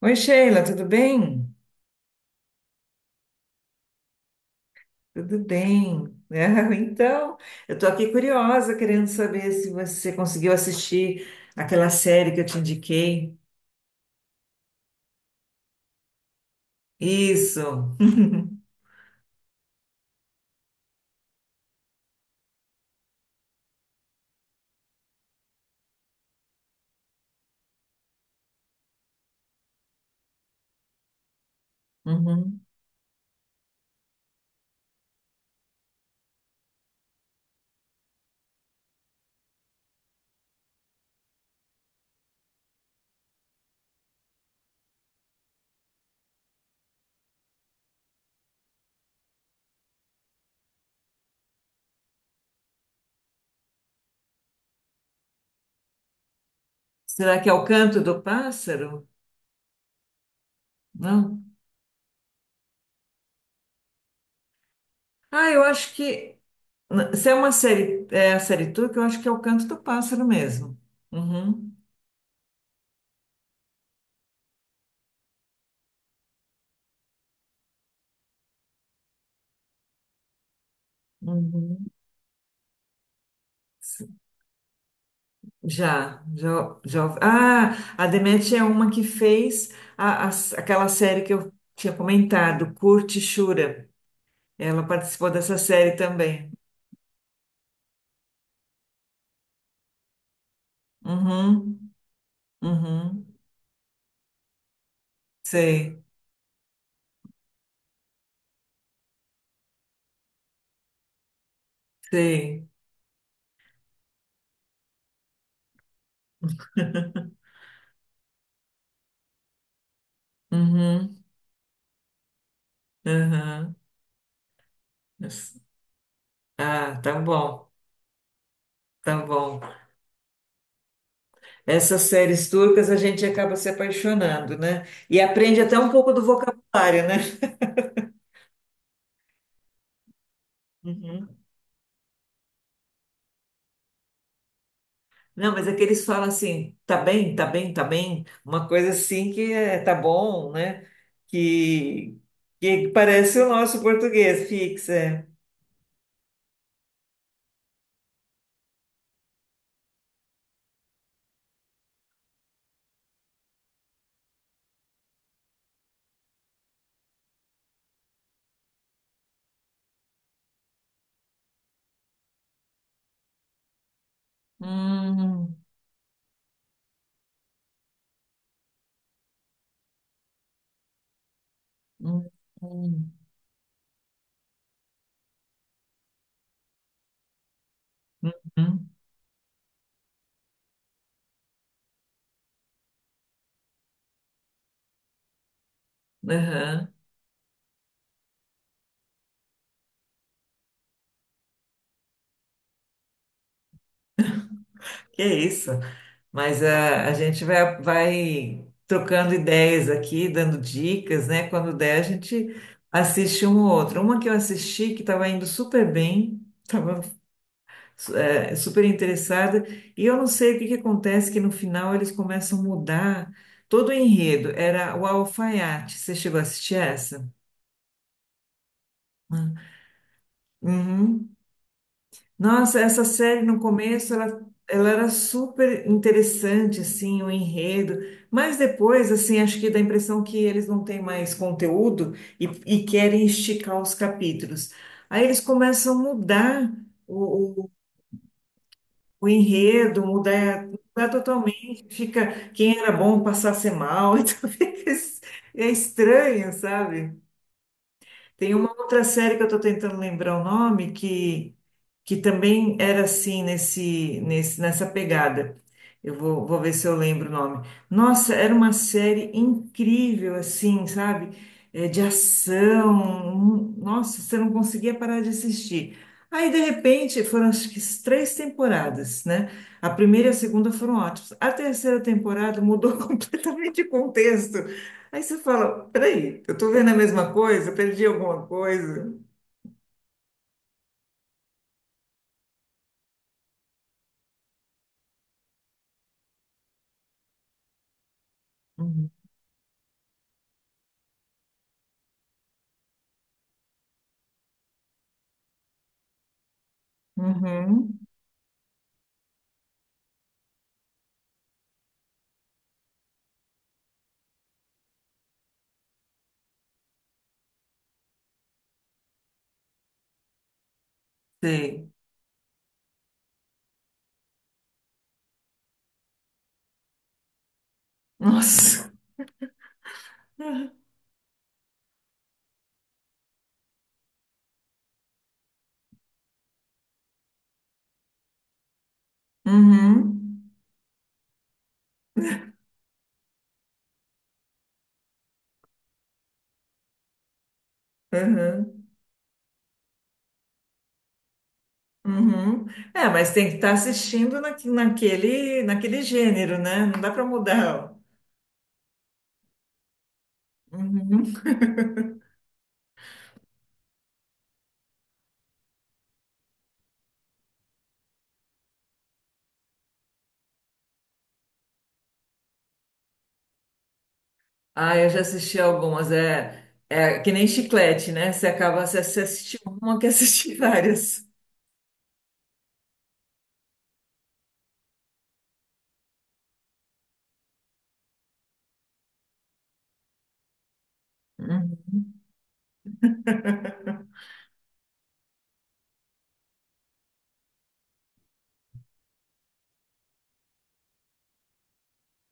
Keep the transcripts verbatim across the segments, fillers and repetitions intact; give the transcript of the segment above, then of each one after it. Oi, Sheila, tudo bem? Tudo bem. Então, eu estou aqui curiosa, querendo saber se você conseguiu assistir aquela série que eu te indiquei. Isso. Uhum. Será que é o Canto do Pássaro? Não. Ah, eu acho que se é uma série, é a série turca, eu acho que é o Canto do Pássaro mesmo. Uhum. Uhum. Já, já, já. Ah, a Demet é uma que fez a, a- aquela série que eu tinha comentado, Curte Shura. Ela participou dessa série também. Uhum, uhum. Sei, sei. Uhum, uhum. Ah, tá bom, tá bom. Essas séries turcas a gente acaba se apaixonando, né? E aprende até um pouco do vocabulário, né? Uhum. Não, mas é que eles falam assim, tá bem, tá bem, tá bem, uma coisa assim que é, tá bom, né? Que, que parece o nosso português fixo, é. Hum, hum, hum, hum, aham. Que é isso. Mas ah, a gente vai, vai trocando ideias aqui, dando dicas, né? Quando der, a gente assiste um ou outro. Uma que eu assisti que estava indo super bem, su- é, super interessada. E eu não sei o que que acontece, que no final eles começam a mudar todo o enredo. Era o Alfaiate. Você chegou a assistir essa? Uhum. Nossa, essa série no começo ela, ela era super interessante, assim, o enredo, mas depois, assim, acho que dá a impressão que eles não têm mais conteúdo e, e querem esticar os capítulos. Aí eles começam a mudar o enredo, mudar, mudar totalmente, fica quem era bom passar a ser mal, então fica es- é estranho, sabe? Tem uma outra série que eu estou tentando lembrar o nome que, que também era assim nesse, nesse nessa pegada. Eu vou, vou ver se eu lembro o nome. Nossa, era uma série incrível assim, sabe? É, de ação. Hum, Nossa, você não conseguia parar de assistir. Aí, de repente, foram acho que três temporadas, né? A primeira e a segunda foram ótimas. A terceira temporada mudou completamente o contexto. Aí você fala, peraí, eu tô vendo a mesma coisa? Eu perdi alguma coisa? Uhum. Uhum. Sei. Nossa. Uhum. Uhum. Uhum. É, mas tem que estar assistindo na, naquele, naquele gênero, né? Não dá para mudar. Uhum. Ah, eu já assisti algumas. É, é que nem chiclete, né? Você acaba, você você assiste uma, quer assistir várias. Uhum.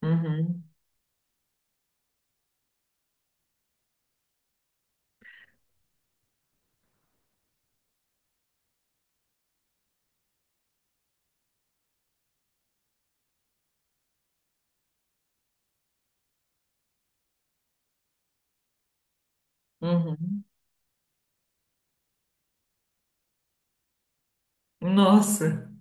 Uhum. Uhum. Nossa.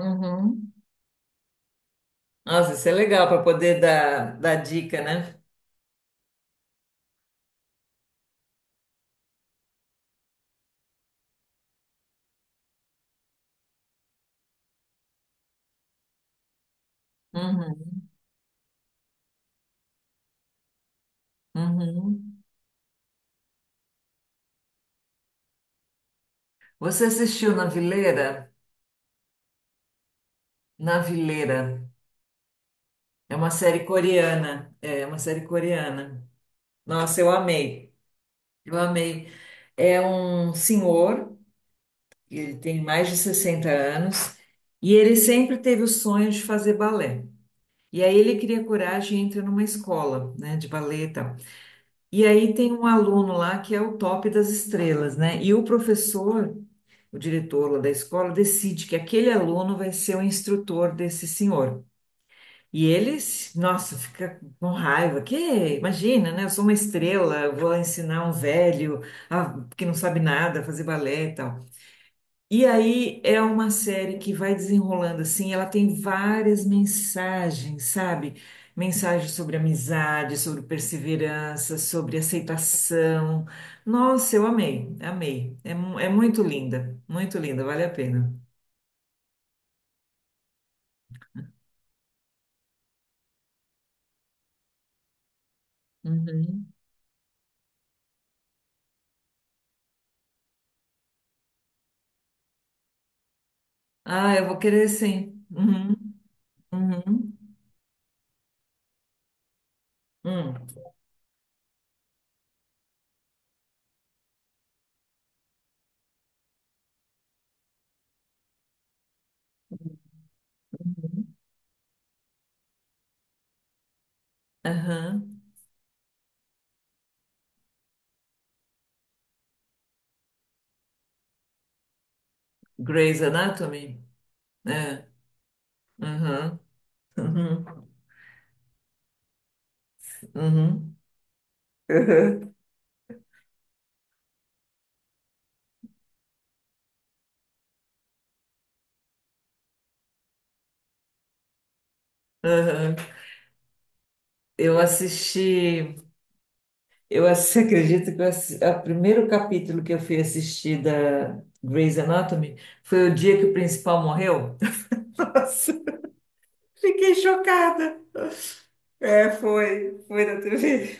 Uhum. Nossa, isso é legal para poder dar, dar dica, né? Uhum, uhum. Você assistiu Na Vileira? Na Vileira. É uma série coreana. É é uma série coreana. Nossa, eu amei. Eu amei. É um senhor, ele tem mais de sessenta anos, e ele sempre teve o sonho de fazer balé. E aí ele cria coragem e entra numa escola, né, de balé e tal. E aí tem um aluno lá que é o top das estrelas, né? E o professor o diretor ou da escola decide que aquele aluno vai ser o instrutor desse senhor. E eles, nossa, fica com raiva. Que imagina, né? Eu sou uma estrela, eu vou ensinar um velho ah, que não sabe nada, a fazer balé e tal. E aí é uma série que vai desenrolando assim, ela tem várias mensagens, sabe? Mensagens sobre amizade, sobre perseverança, sobre aceitação. Nossa, eu amei, amei. É, mu- é muito linda, muito linda, vale a pena. Uhum. Ah, eu vou querer sim. Uhum. Uhum. Hum. Uhum. Aham. Grey's Anatomy? É. Uhum. Uhum. Uhum. Uhum. Uhum. Eu assisti. Eu assisti, acredito que eu assi- a- o primeiro capítulo que eu fui assistir da Grey's Anatomy foi o dia que o principal morreu. Nossa, fiquei chocada. É, foi. Foi na T V.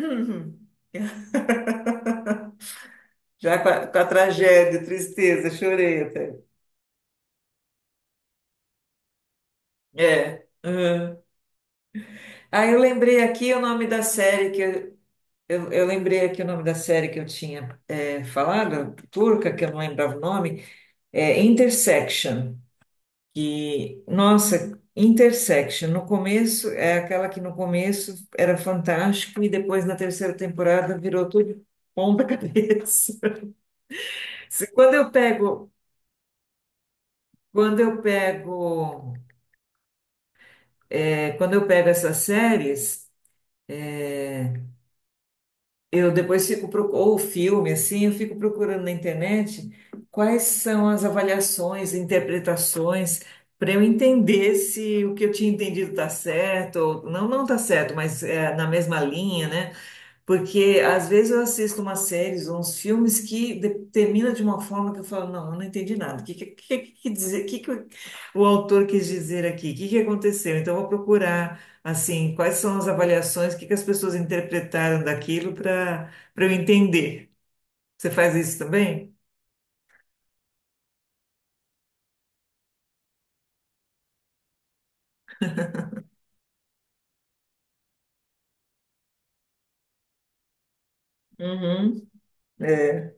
Uhum. Já com a, com a tragédia, tristeza, chorei até. É. Uhum. Aí eu lembrei aqui o nome da série que eu, eu, eu lembrei aqui o nome da série que eu tinha é, falado, turca, que eu não lembrava o nome, é Intersection. Que, nossa, Intersection, no começo, é aquela que no começo era fantástico e depois na terceira temporada virou tudo ponta cabeça. Se- Quando eu pego, quando eu pego, é, quando eu pego essas séries. Eu depois fico procu- ou filme assim, eu fico procurando na internet quais são as avaliações, interpretações para eu entender se o que eu tinha entendido está certo ou não, não está certo, mas é na mesma linha, né? Porque às vezes eu assisto umas séries ou uns filmes que de- termina de uma forma que eu falo, não, eu não entendi nada. O que, que, que, que, dizer, que, que o o autor quis dizer aqui? O que, que aconteceu? Então eu vou procurar, assim, quais são as avaliações, o que, que as pessoas interpretaram daquilo para para eu entender. Você faz isso também? Uhum. É.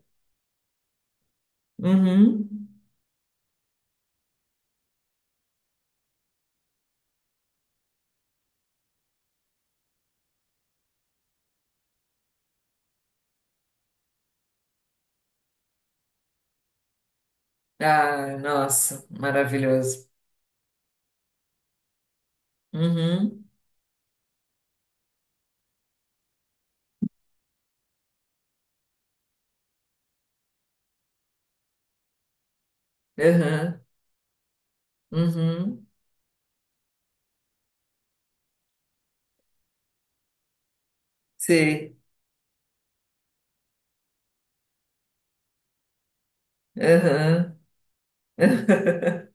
Uhum. Ah, nossa, maravilhoso. Uhum. Uhum. Uhum. Sei. Aham.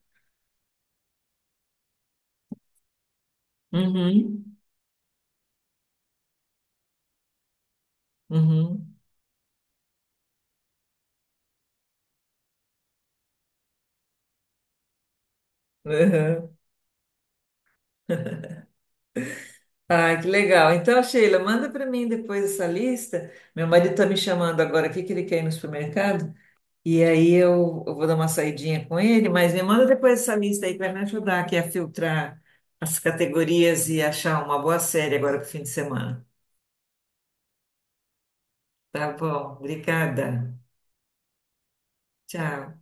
Uhum, uhum, aham. Ah, que legal. Então, Sheila, manda para mim depois essa lista. Meu marido está me chamando agora aqui, que ele quer ir no supermercado. E aí eu, eu vou dar uma saidinha com ele, mas me manda depois essa lista aí para me ajudar aqui a filtrar as categorias e achar uma boa série agora para o fim de semana. Tá bom, obrigada. Tchau.